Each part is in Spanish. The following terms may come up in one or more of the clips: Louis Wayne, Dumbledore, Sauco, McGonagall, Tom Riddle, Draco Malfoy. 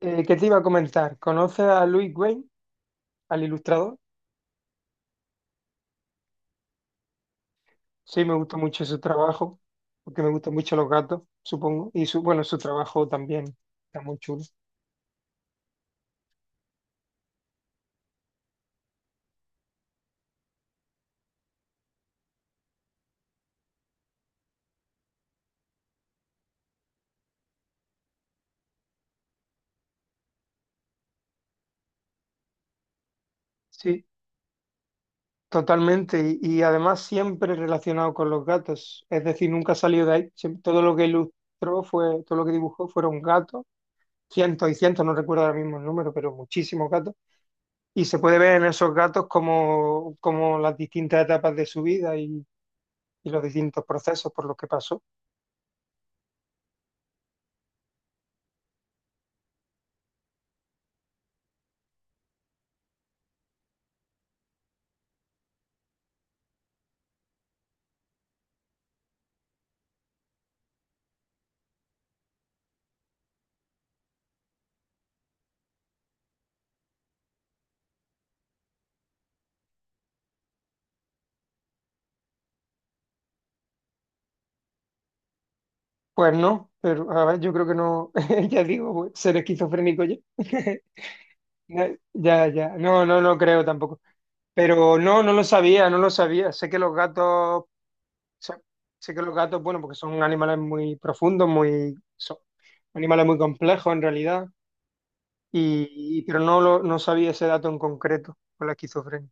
¿Qué te iba a comentar? ¿Conoces a Louis Wayne, al ilustrador? Sí, me gusta mucho su trabajo, porque me gustan mucho los gatos, supongo. Y su, bueno, su trabajo también está muy chulo. Sí, totalmente. Y además siempre relacionado con los gatos. Es decir, nunca salió de ahí. Todo lo que ilustró fue, todo lo que dibujó fueron gatos. Cientos y cientos, no recuerdo ahora mismo el número, pero muchísimos gatos. Y se puede ver en esos gatos como las distintas etapas de su vida y los distintos procesos por los que pasó. Pues no, pero a ver, yo creo que no, ya digo, pues, ser esquizofrénico ya. Ya, ya, ya. No, no, no creo tampoco. Pero no, no lo sabía, no lo sabía. Sé que los gatos, sé, sé que los gatos, bueno, porque son animales muy profundos, muy, son animales muy complejos en realidad, pero no lo, no sabía ese dato en concreto con la esquizofrenia.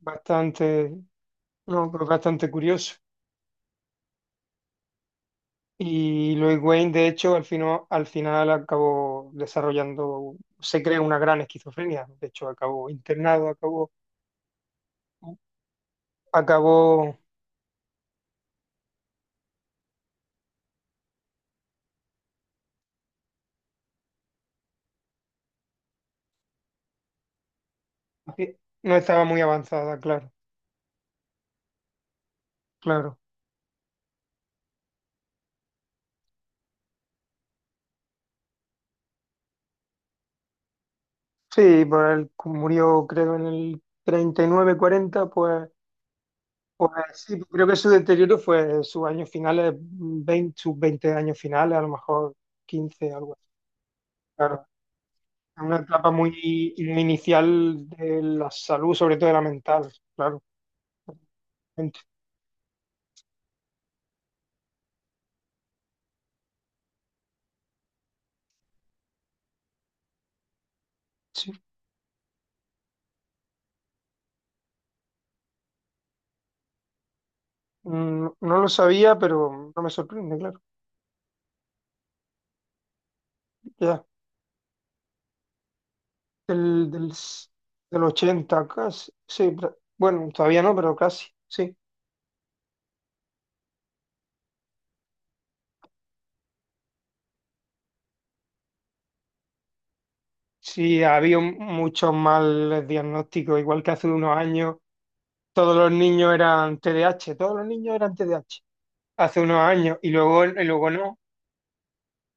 Bastante, no, pero bastante curioso. Y Lois Wayne, de hecho, al final acabó desarrollando, se crea una gran esquizofrenia. De hecho, acabó internado, acabó, acabó, no estaba muy avanzada, claro, claro. Sí, por él murió, creo, en el 39-40 pues, pues sí, creo que su deterioro fue sus años finales, 20, sus 20 años finales, a lo mejor 15 algo así. Claro, una etapa muy, muy inicial de la salud, sobre todo de la mental, claro. Ent- sí. No lo sabía, pero no me sorprende, claro. Ya, del, del, s- del 80, casi, sí, bueno, todavía no, pero casi, sí. Sí, ha habido muchos mal diagnósticos, igual que hace unos años, todos los niños eran TDAH, todos los niños eran TDAH, hace unos años, y luego no.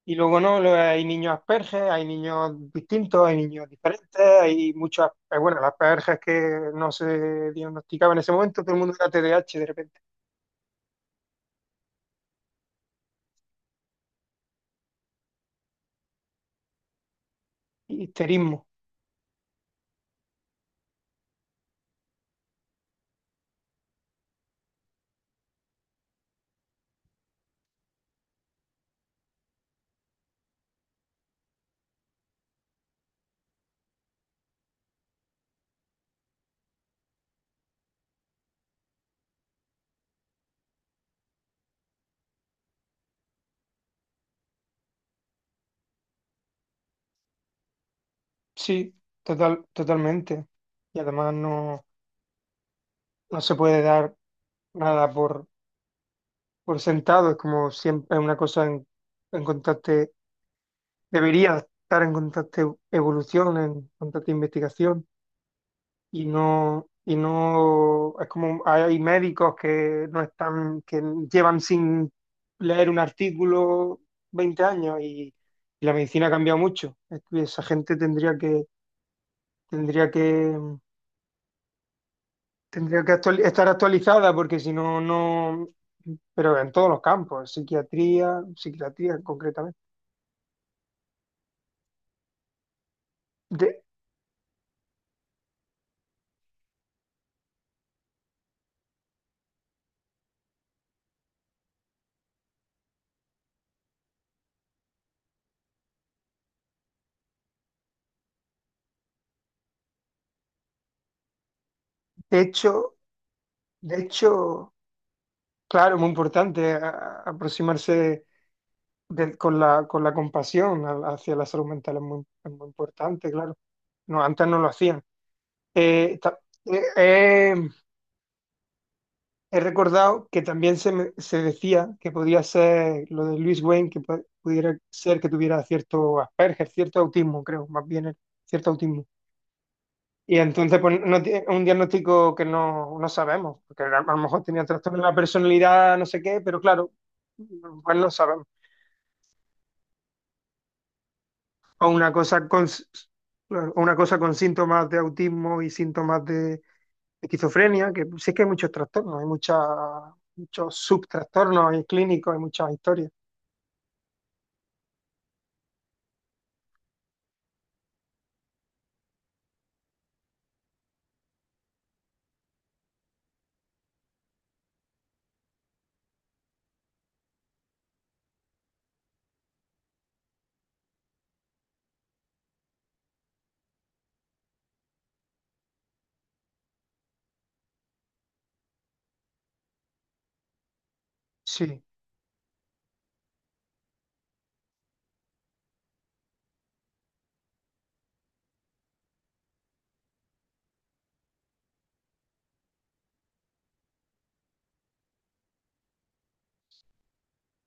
Y luego no, hay niños asperges, hay niños distintos, hay niños diferentes, hay muchos, bueno, las asperges que no se diagnosticaban en ese momento, todo el mundo era TDAH de repente. Histerismo, sí, total, totalmente. Y además no, no se puede dar nada por, por sentado, es como siempre una cosa en constante, debería estar en constante evolución, en constante investigación. Y no, es como hay médicos que no están, que llevan sin leer un artículo 20 años y la medicina ha cambiado mucho. Es que esa gente tendría que, tendría que, tendría que estar actualizada porque si no, no, pero en todos los campos, psiquiatría, psiquiatría concretamente. De, de hecho, de hecho, claro, muy importante aproximarse con la compasión hacia la salud mental es muy importante, claro. No, antes no lo hacían. Eh, ta- eh, eh, he recordado que también se, se decía que podía ser lo de Luis Wayne, que pudiera ser que tuviera cierto Asperger, cierto autismo, creo, más bien cierto autismo. Y entonces, pues, no tie- un diagnóstico que no, no sabemos, porque a lo mejor tenía trastorno de la personalidad, no sé qué, pero claro, pues no sabemos. o una cosa con, o una cosa con síntomas de autismo y síntomas de esquizofrenia, que sí que hay muchos trastornos, hay mucha, muchos subtrastornos hay clínicos, hay muchas historias. Sí,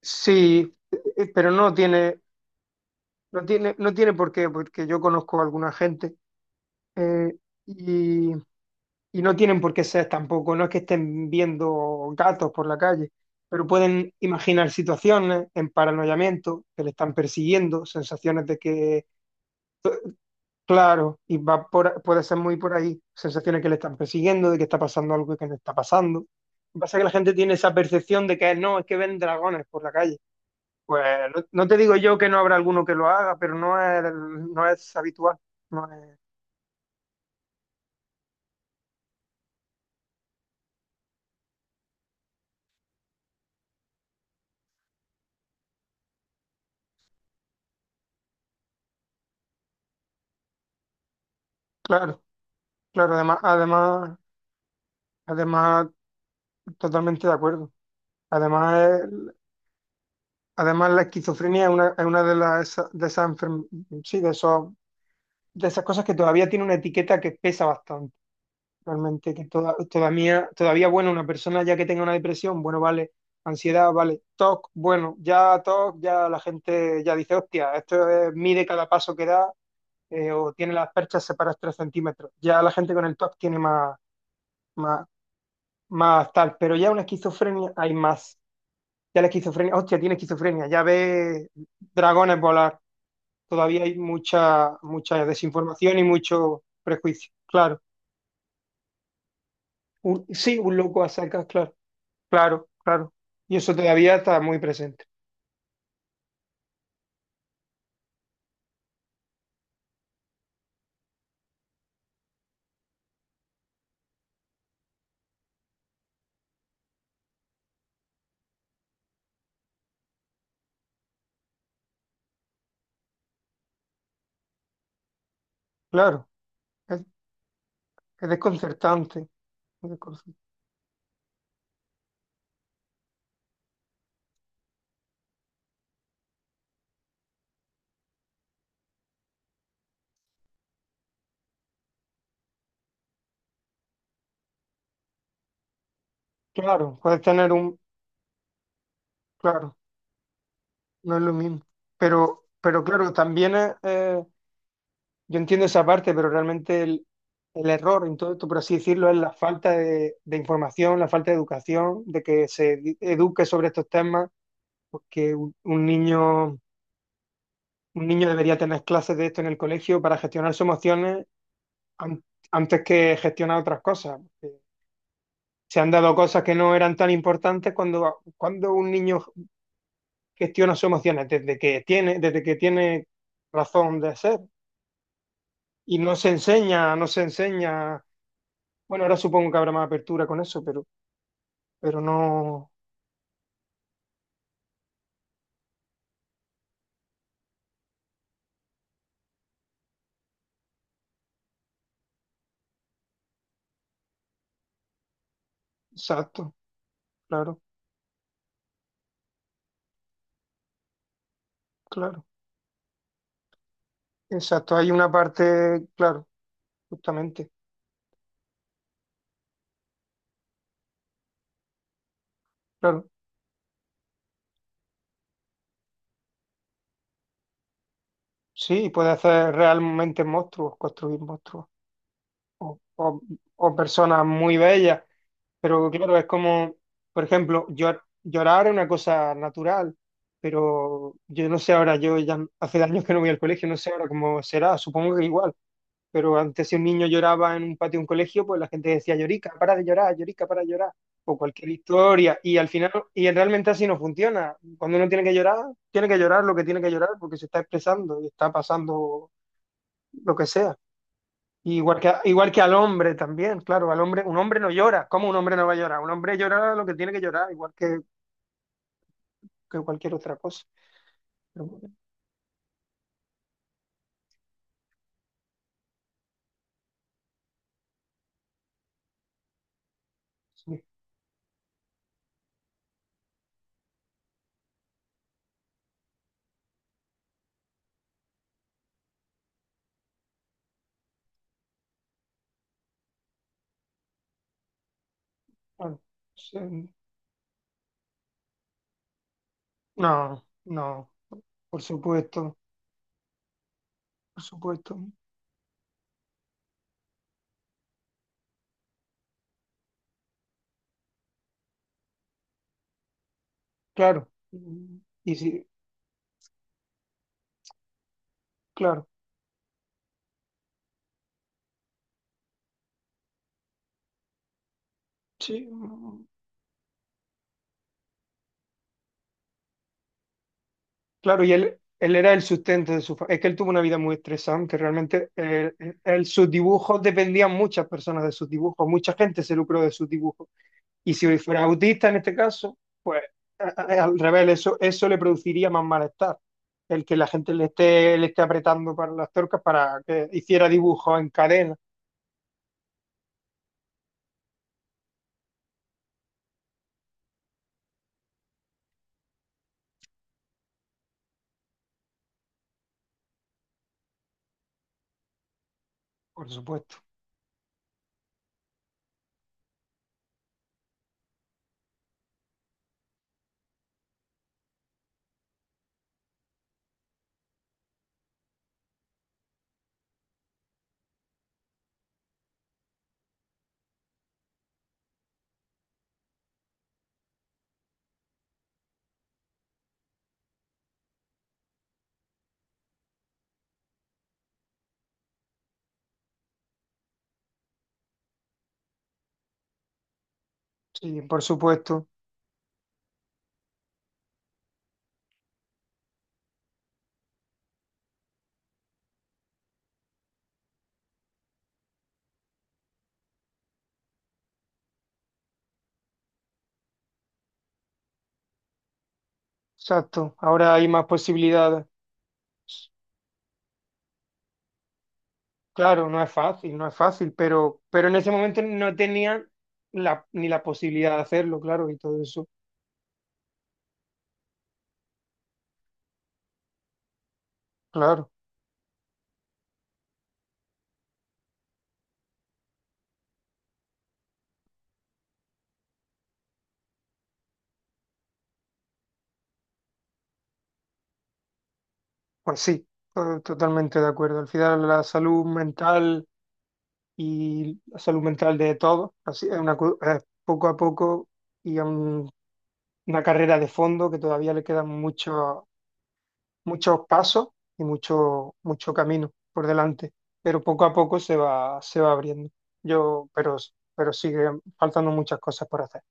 sí, eh, pero no tiene, no tiene por qué, porque yo conozco a alguna gente eh, y, y no tienen por qué ser tampoco, no es que estén viendo gatos por la calle, pero pueden imaginar situaciones en paranoiamiento, que le están persiguiendo, sensaciones de que claro, y va por, puede ser muy por ahí, sensaciones que le están persiguiendo, de que está pasando algo que no está pasando. Lo que pasa es que la gente tiene esa percepción de que no, es que ven dragones por la calle. Pues no, no te digo yo que no habrá alguno que lo haga, pero no es, no es habitual. No es, claro, claro, además, además, además, totalmente de acuerdo. Además, el- Además, la esquizofrenia es una de las de sí, de esas cosas que todavía tiene una etiqueta que pesa bastante. Realmente que todavía, todavía, bueno, una persona ya que tenga una depresión, bueno, vale, ansiedad, vale, TOC, bueno, ya TOC, ya la gente ya dice, hostia, mide cada paso que da o tiene las perchas separadas 3 centímetros. Ya la gente con el TOC tiene más, más, más tal, pero ya una esquizofrenia hay más. Ya la esquizofrenia, hostia, tiene esquizofrenia, ya ve dragones volar. Todavía hay mucha, mucha desinformación y mucho prejuicio, claro. Sí, un loco a secas, claro. Claro, claro. Y eso todavía está muy presente. Claro, es, es desconcertante. es desconcert- Claro, puedes tener un... Claro, no es lo mismo. Pero claro, también es, yo entiendo esa parte, pero realmente el error en todo esto, por así decirlo, es la falta de información, la falta de educación, de que eduque sobre estos temas, porque un niño debería tener clases de esto en el colegio para gestionar sus emociones an- antes que gestionar otras cosas. Se han dado cosas que no eran tan importantes cuando un niño gestiona sus emociones desde que tiene razón de ser. Y no se enseña, no se enseña. Bueno, ahora supongo que habrá más apertura con eso, pero no. Exacto, claro, claro. Exacto, hay una parte, claro, justamente, claro. Sí, puede hacer realmente monstruos, construir monstruos. O, o- o personas muy bellas. Pero claro, es como, por ejemplo, llorar es una cosa natural, pero yo no sé ahora, yo ya hace años que no voy al colegio, no sé ahora cómo será, supongo que igual, pero antes si un niño lloraba en un patio de un colegio, pues la gente decía, llorica, para de llorar, llorica, para de llorar, o cualquier historia, y al final, y realmente así no funciona. Cuando uno tiene que llorar lo que tiene que llorar porque se está expresando y está pasando lo que sea. Y igual que, igual que al hombre también, claro, al hombre, un hombre no llora. ¿Cómo un hombre no va a llorar? Un hombre llora lo que tiene que llorar, que cualquier otra cosa. Pero bueno, sí, bueno, sí, no, no, por supuesto, por supuesto, claro. Y sí, claro, sí, claro, y él era el sustento de su familia. Es que él tuvo una vida muy estresante, realmente sus dibujos dependían muchas personas de sus dibujos, mucha gente se lucró de sus dibujos. Y si fuera autista en este caso, pues al revés, eso le produciría más malestar. El que la gente le esté apretando para las tuercas para que hiciera dibujos en cadena. Por supuesto. Sí, por supuesto. Exacto. Ahora hay más posibilidades. Claro, no es fácil, no es fácil, pero en ese momento no tenían la, ni la posibilidad de hacerlo, claro, y todo eso. Claro, pues sí, totalmente de acuerdo. Al final la salud mental y la salud mental de todos. Así es una, es poco a poco y un- una carrera de fondo que todavía le quedan muchos muchos pasos y mucho, mucho camino por delante, pero poco a poco se va abriendo. Yo, pero, pero sigue faltando muchas cosas por hacer.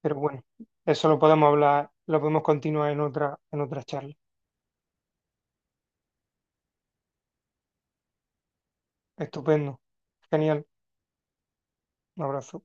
Pero bueno, eso lo podemos hablar, lo podemos continuar en otra charla. Estupendo. Genial. Un abrazo.